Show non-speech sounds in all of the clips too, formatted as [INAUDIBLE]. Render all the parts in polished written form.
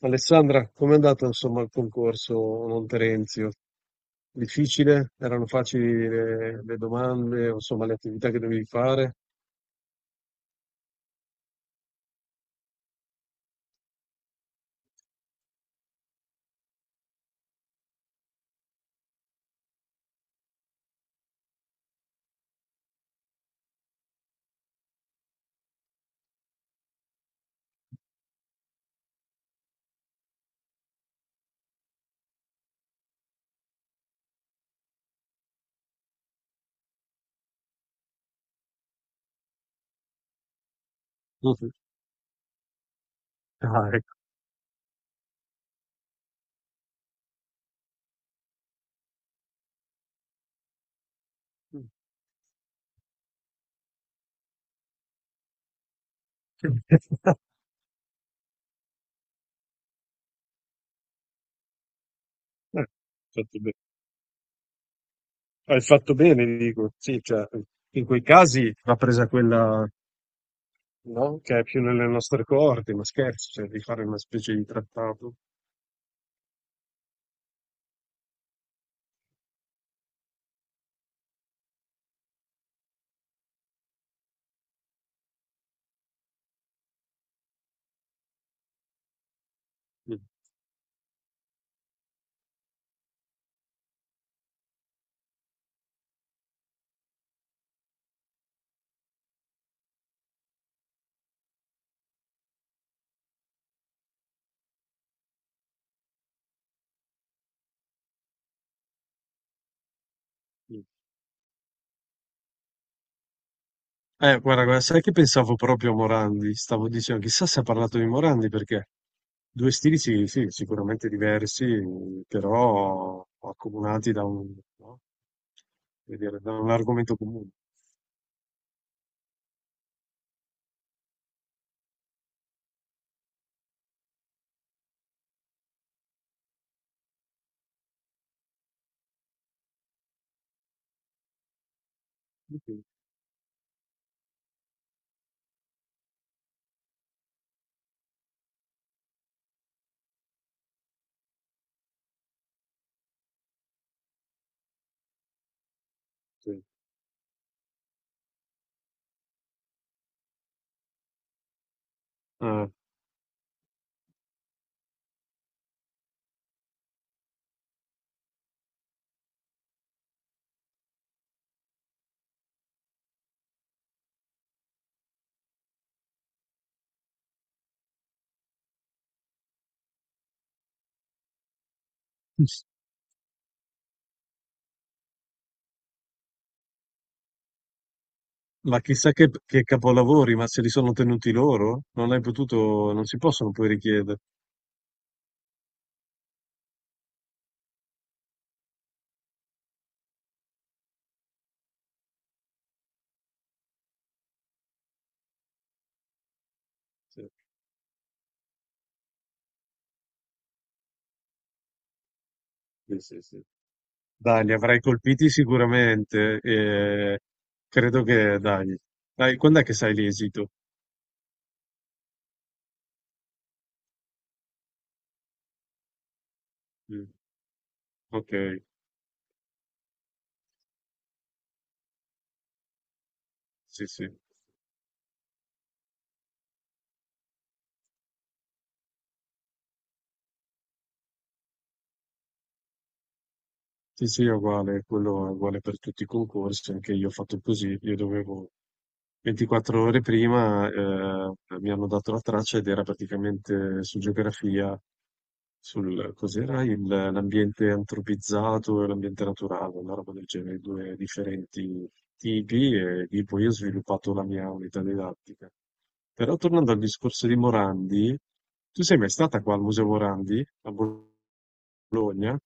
Alessandra, com'è andato insomma il concorso non Terenzio? Difficile? Erano facili le domande, o, insomma le attività che dovevi fare? Mhm. Ah, ecco. [LAUGHS] Eh, Fatto bene. Hai fatto bene, dico, sì, cioè, in quei casi va presa quella, no? Che è più nelle nostre coorte, ma scherzi, cioè di fare una specie di trattato. Mm. Mm. Guarda, guarda, sai che pensavo proprio a Morandi? Stavo dicendo, chissà se ha parlato di Morandi perché due stili sì, sì, sicuramente diversi, però accomunati da un, no? Come dire, da un argomento comune. Sì, sì. Eh, ma chissà che capolavori, ma se li sono tenuti loro? Non hai potuto, non si possono poi richiedere. Sì, sì, sì, sì. Dai, li avrai colpiti sicuramente e credo che, dai, dai, quando è che sai l'esito? Mm. Okay, sì, sì. Sì, sì, è uguale, quello è uguale per tutti i concorsi, anche io ho fatto così, io dovevo 24 ore prima, mi hanno dato la traccia ed era praticamente su geografia, sul cos'era l'ambiente antropizzato e l'ambiente naturale, una roba del genere, due differenti tipi e lì poi ho sviluppato la mia unità didattica. Però tornando al discorso di Morandi, tu sei mai stata qua al Museo Morandi, a Bologna?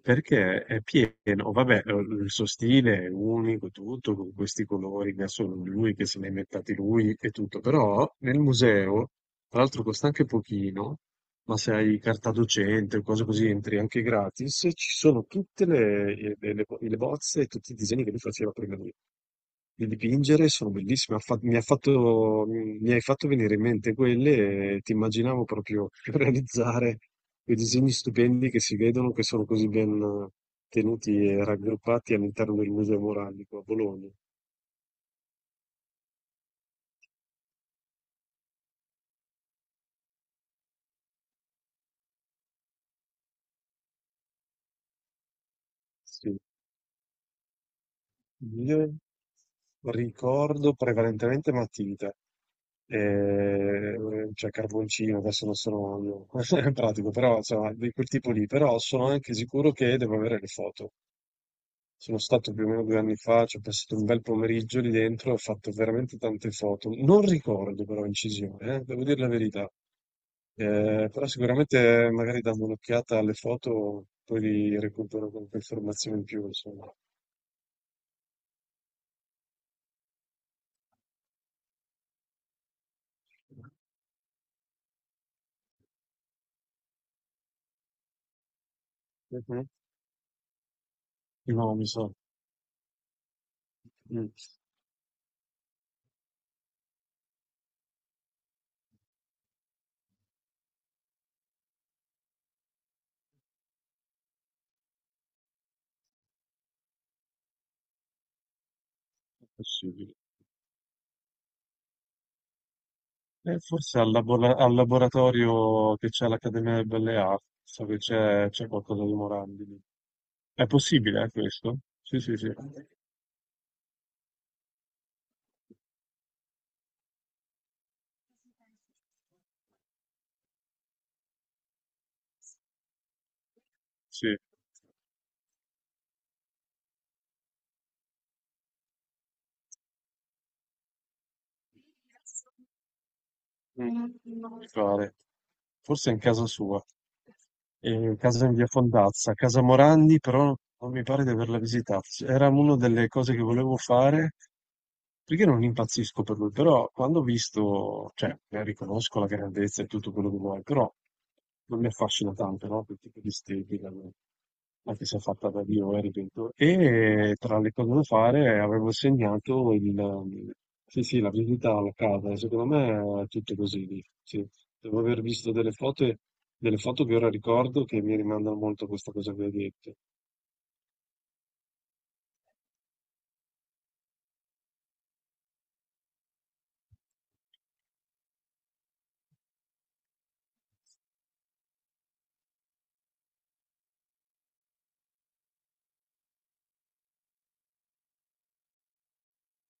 Perché è pieno, vabbè, il suo stile è unico, tutto, con questi colori che ha solo lui, che se li ha inventati lui e tutto, però nel museo, tra l'altro costa anche pochino, ma se hai carta docente o cose così entri anche gratis, ci sono tutte le, le bozze e tutti i disegni che lui faceva prima di dipingere, sono bellissime, ha fa- mi ha fatto- mi hai fatto venire in mente quelle e ti immaginavo proprio [LAUGHS] realizzare quei disegni stupendi che si vedono, che sono così ben tenuti e raggruppati all'interno del Museo Moralico a Bologna. Sì. Io ricordo prevalentemente matita. Eh, cioè carboncino, adesso non sono io, [LAUGHS] in pratico, però insomma, di quel tipo lì, però sono anche sicuro che devo avere le foto. Sono stato più o meno 2 anni fa, ci ho passato un bel pomeriggio lì dentro, ho fatto veramente tante foto. Non ricordo però incisione, devo dire la verità. Però sicuramente magari dando un'occhiata alle foto, poi li recupero qualche informazione in più, insomma. Mhm. No, mi sa. Mm. È possibile. Forse al, al laboratorio che c'è all'Accademia delle Belle Arti, so che c'è qualcosa di Morandi. È possibile, questo? Sì, sì, sì. Sì. Mm. Mi pare. Forse è in casa sua. Eh, casa in via Fondazza, casa Morandi, però non mi pare di averla visitata. Era una delle cose che volevo fare, perché non impazzisco per lui, però quando ho visto, cioè, riconosco la grandezza e tutto quello che vuoi, però non mi affascina tanto, no? Quel tipo di estetica, no? Anche se è fatta da Dio, ripeto. E tra le cose da fare avevo segnato il... Sì, sì, la visita alla casa, secondo me è tutto così lì, sì. Devo aver visto delle foto e delle foto che ora ricordo che mi rimandano molto a questa cosa che hai detto.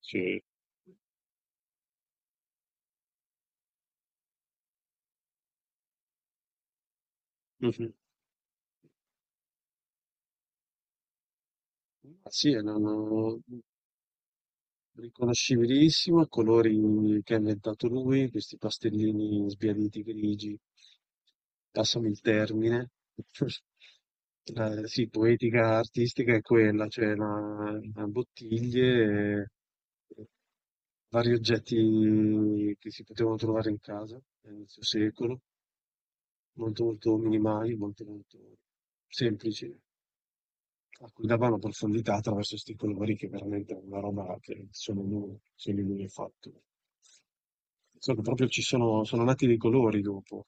Sì. Mh-mh. Ma sì, erano riconoscibilissimo, colori che ha inventato lui, questi pastellini sbiaditi grigi. Passami il termine. [LAUGHS] La sì, poetica artistica è quella, cioè la bottiglie, e vari oggetti che si potevano trovare in casa a inizio secolo. Molto, molto minimali, molto, molto semplici, a cui davano profondità attraverso questi colori che veramente è una roba che solo lui ha fatto. Solo proprio ci sono, sono nati dei colori dopo,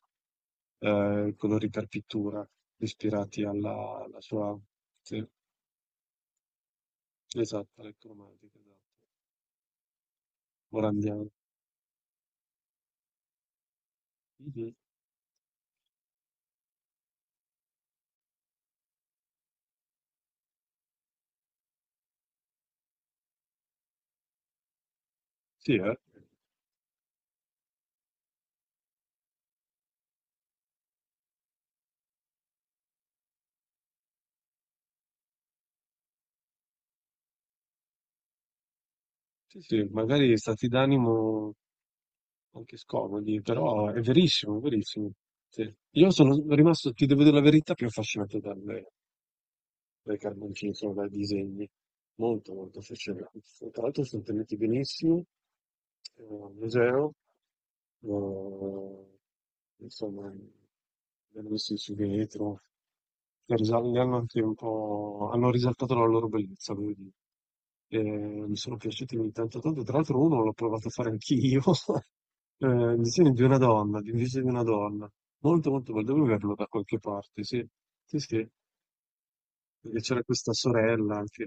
colori per pittura, ispirati alla, alla sua... Sì, esatto, alle cromatiche, esatto. Morandiano. Mhm. Sì, eh? Sì, sì, magari stati d'animo anche scomodi, però è verissimo, è verissimo. Sì. Io sono rimasto, ti devo dire la verità, più affascinato dalle, dai carboncini, insomma, dai disegni. Molto, molto affascinante. Tra l'altro sono tenuti benissimo, al museo, eh, insomma, vengono messi su vetro, le hanno anche un po', hanno risaltato la loro bellezza, devo dire. Mi sono piaciuti tanto tanto, tra l'altro uno l'ho provato a fare anch'io, [LAUGHS] il disegno di una donna, di un viso di una donna. Molto, molto bello. Devo averlo da qualche parte, sì. Sì, sì. Perché c'era questa sorella anche